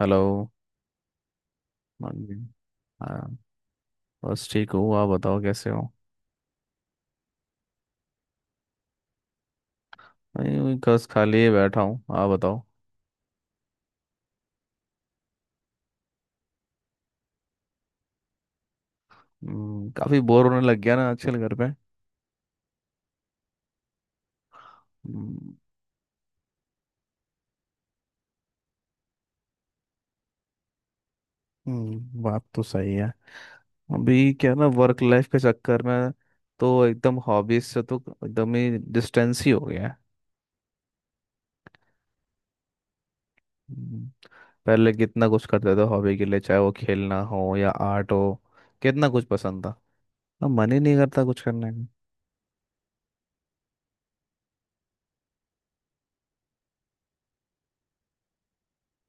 Hello. हाँ जी। हाँ, बस ठीक हूँ। आप बताओ कैसे हो? नहीं वही बस खाली ही बैठा हूँ। आप बताओ। काफी बोर होने लग गया ना आजकल घर पे। हम्म। बात तो सही है। अभी क्या है ना, वर्क लाइफ के चक्कर में तो एकदम हॉबीज से तो एकदम ही डिस्टेंस ही हो गया है। हम्म, पहले कितना कुछ करते थे हॉबी के लिए, चाहे वो खेलना हो या आर्ट हो। कितना कुछ पसंद था। अब मन ही नहीं करता कुछ करने का।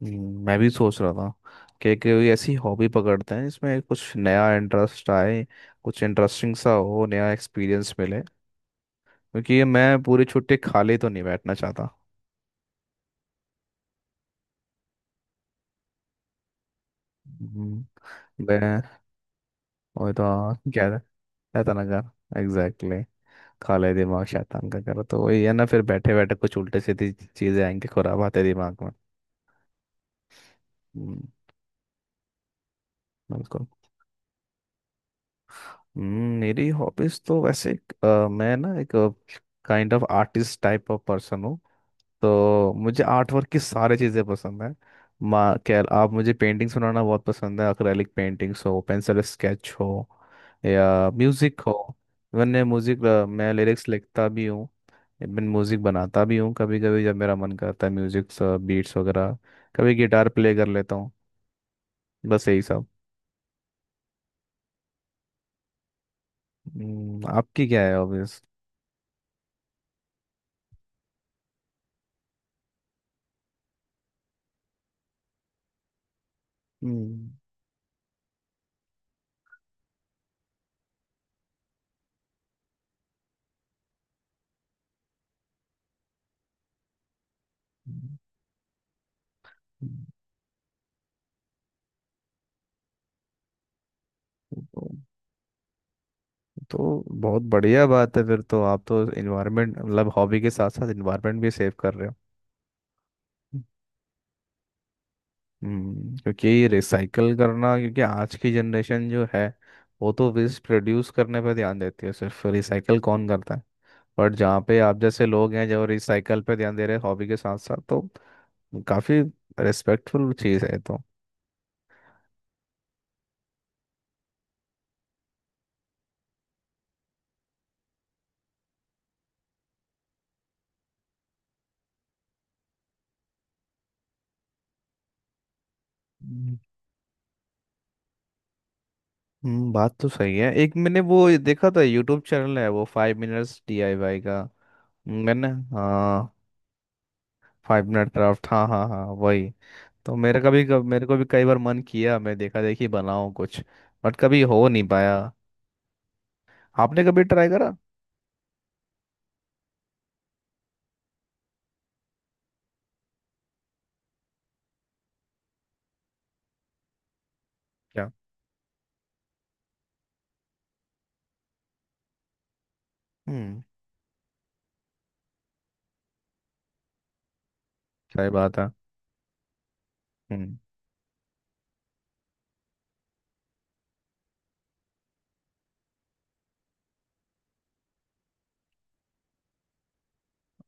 मैं भी सोच रहा था कि कोई ऐसी हॉबी पकड़ते हैं जिसमें कुछ नया इंटरेस्ट आए। कुछ इंटरेस्टिंग सा हो, नया एक्सपीरियंस मिले। क्योंकि ये मैं पूरी छुट्टी खाली तो नहीं बैठना चाहता। हम्म, मैं वही तो। हाँ, क्या शैतान का, एग्जैक्टली। खाली दिमाग शैतान का करो तो वही है ना, फिर बैठे बैठे कुछ उल्टे सीधी चीजें आएंगी, खुराब आते दिमाग में। हम्म। बिल्कुल। मेरी हॉबीज तो वैसे मैं ना एक kind of artist type of person हूँ। तो मुझे आर्ट वर्क की सारी चीज़ें पसंद है। माँ खैर आप, मुझे पेंटिंग्स बनाना बहुत पसंद है। अक्रैलिक पेंटिंग्स हो, पेंसिल स्केच हो, या म्यूज़िक हो। मैंने म्यूज़िक मैं लिरिक्स लिखता भी हूँ। इवन म्यूज़िक बनाता भी हूँ कभी कभी जब मेरा मन करता है, म्यूज़िक बीट्स वगैरह। कभी गिटार प्ले कर लेता हूँ, बस यही सब। आपकी क्या है हॉबीज? हम्म, तो तो बहुत बढ़िया बात है, फिर तो आप तो इन्वायरमेंट, मतलब हॉबी के साथ साथ इन्वायरमेंट भी सेव कर रहे हो। क्योंकि रिसाइकल करना, क्योंकि आज की जनरेशन जो है वो तो वेस्ट प्रोड्यूस करने पे ध्यान देती है, सिर्फ रिसाइकल कौन करता है? बट जहाँ पे आप जैसे लोग हैं जो रिसाइकल पे ध्यान दे रहे हैं हॉबी के साथ साथ, तो काफी रिस्पेक्टफुल चीज़ है ये तो। हम्म। बात तो सही है, एक मैंने वो देखा था, यूट्यूब चैनल है वो 5 मिनट्स डीआईवाई का। मैंने हाँ। 5 मिनट क्राफ्ट, हाँ हाँ हाँ, वही। तो मेरे को भी कई बार मन किया, मैं देखा देखी बनाऊं कुछ, बट कभी हो नहीं पाया। आपने कभी ट्राई करा क्या? हम्म सही बात है। हम्म,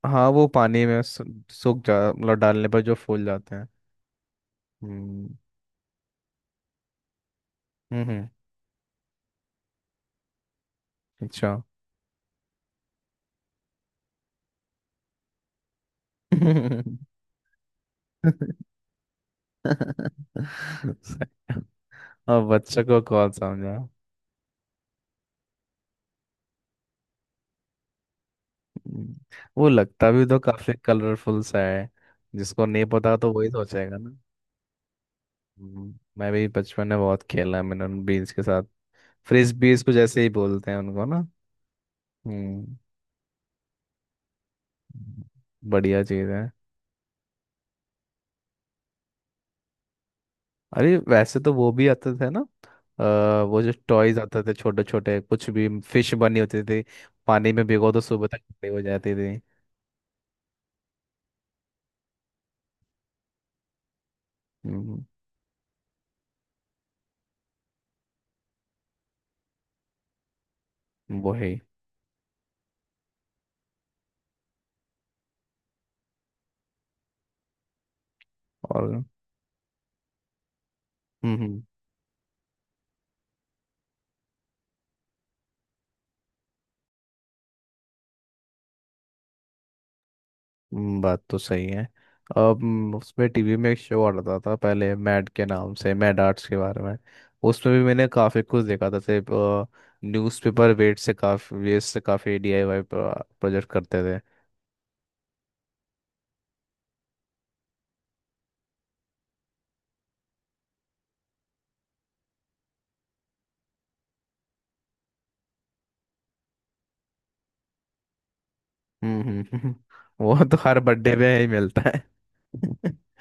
हाँ, वो पानी में सूख जा, मतलब डालने पर जो फूल जाते हैं। हम्म, हम्म, अच्छा। सही। अब बच्चों को कौन समझा। हम्म, वो लगता भी तो काफी कलरफुल सा है। जिसको नहीं पता तो वही सोचेगा ना। मैं भी बचपन में बहुत खेला मैंने बीन्स के साथ। फ्रिस्बीज कुछ ऐसे ही बोलते हैं उनको ना? हम्म बढ़िया चीज है। अरे वैसे तो वो भी आते थे ना, वो जो टॉयज आते थे छोटे छोटे, कुछ भी फिश बनी होती थी, पानी में भिगो तो सुबह तक खड़ी हो जाती थी। हम्म, वो है। और हम्म, बात तो सही है। अब उसमें टीवी में एक शो आ रहा था पहले मैड के नाम से, मैड आर्ट्स के बारे में। उसमें भी मैंने काफ़ी कुछ देखा था, जैसे न्यूज़पेपर वेट से काफ़ी वेस्ट से काफ़ी डीआईवाई प्रोजेक्ट करते थे। हम्म, वो तो हर बर्थडे में ही मिलता है।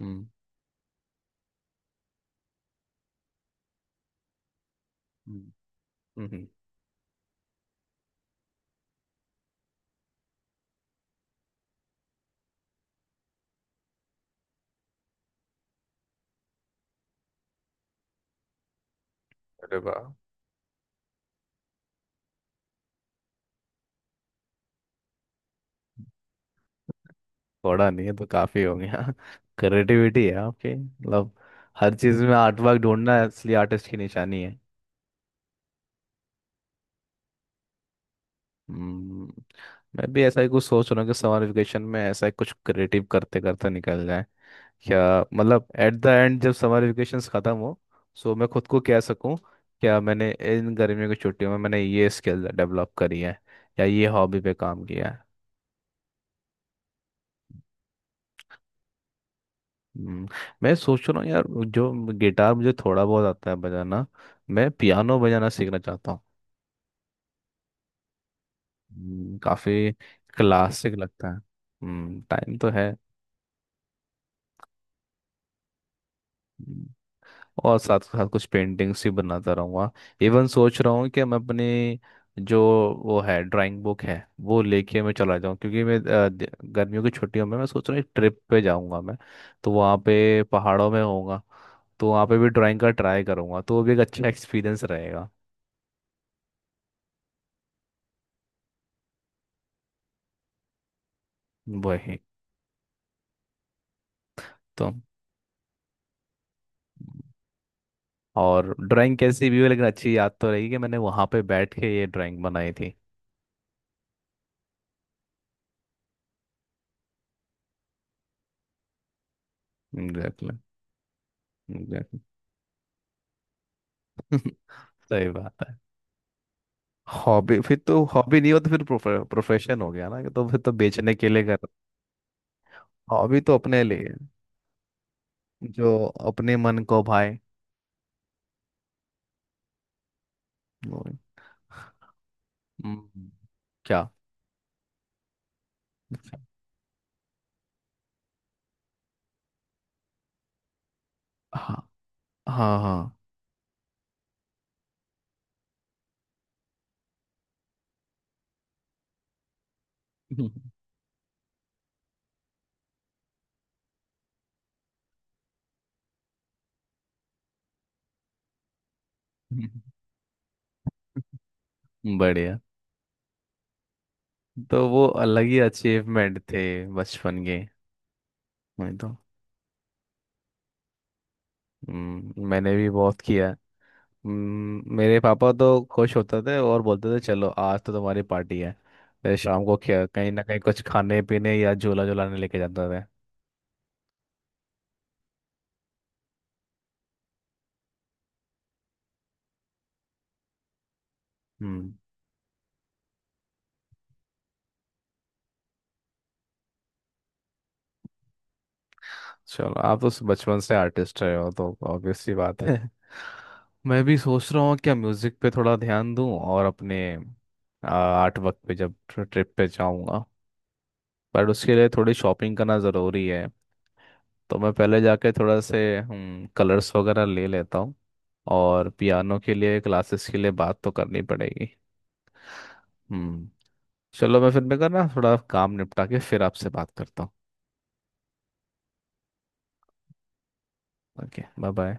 हम्म, हम्म, हम्म, अरे वाह। थोड़ा नहीं है तो काफ़ी हो गया। क्रिएटिविटी है आपकी, मतलब। हर चीज़ में आर्ट वर्क ढूंढना असली आर्टिस्ट की निशानी है। हम्म, मैं भी ऐसा ही कुछ सोच रहा हूँ कि समर वेकेशन में ऐसा ही कुछ क्रिएटिव करते करते निकल जाए। क्या मतलब, एट द एंड जब समर वेकेशन खत्म हो, सो मैं खुद को कह सकूँ, क्या मैंने इन गर्मियों की छुट्टियों में मैंने ये स्किल डेवलप करी है या ये हॉबी पे काम किया है। हम्म, मैं सोच रहा हूँ यार, जो गिटार मुझे थोड़ा बहुत आता है बजाना, मैं पियानो बजाना सीखना चाहता हूँ। काफी क्लासिक लगता है। टाइम तो है। हम्म। और साथ साथ कुछ पेंटिंग्स भी बनाता रहूँगा। इवन सोच रहा हूँ कि मैं अपने जो वो है ड्राइंग बुक है, वो लेके मैं चला जाऊँ, क्योंकि मैं गर्मियों की छुट्टियों में मैं सोच रहा हूँ ट्रिप पे जाऊँगा मैं। तो वहाँ पे पहाड़ों में होऊंगा, तो वहाँ पे भी ड्राइंग का ट्राई करूँगा, तो वो भी एक अच्छा एक्सपीरियंस रहेगा। वही तो। और ड्राइंग कैसी भी हो लेकिन अच्छी याद तो रहेगी कि मैंने वहाँ पे बैठ के ये ड्राइंग बनाई थी। एग्जैक्टली। एग्जैक्टली। सही बात है। हॉबी, फिर तो हॉबी नहीं हो तो फिर प्रोफेशन हो गया ना, तो फिर तो बेचने के लिए कर। हॉबी तो अपने लिए है, जो अपने मन को भाए है। हम्म, क्या? हाँ हाँ हाँ। हम्म। बढ़िया। तो वो अलग ही अचीवमेंट थे बचपन के। मैं तो मैंने भी बहुत किया है। मेरे पापा तो खुश होते थे और बोलते थे चलो आज तो तुम्हारी पार्टी है। फिर शाम को क्या कहीं ना कहीं कुछ खाने पीने या झूला झुलाने लेके जाते थे। हम्म। चलो आप तो बचपन से आर्टिस्ट रहे हो तो ऑब्वियस सी बात है। मैं भी सोच रहा हूँ क्या म्यूजिक पे थोड़ा ध्यान दूं और अपने आर्ट वर्क पे जब ट्रिप पे जाऊंगा। पर उसके लिए थोड़ी शॉपिंग करना ज़रूरी है, तो मैं पहले जाके थोड़ा से कलर्स वगैरह ले लेता हूँ। और पियानो के लिए क्लासेस के लिए बात तो करनी पड़ेगी। हम्म। चलो मैं करना थोड़ा काम निपटा के फिर आपसे बात करता हूँ। Okay, bye bye.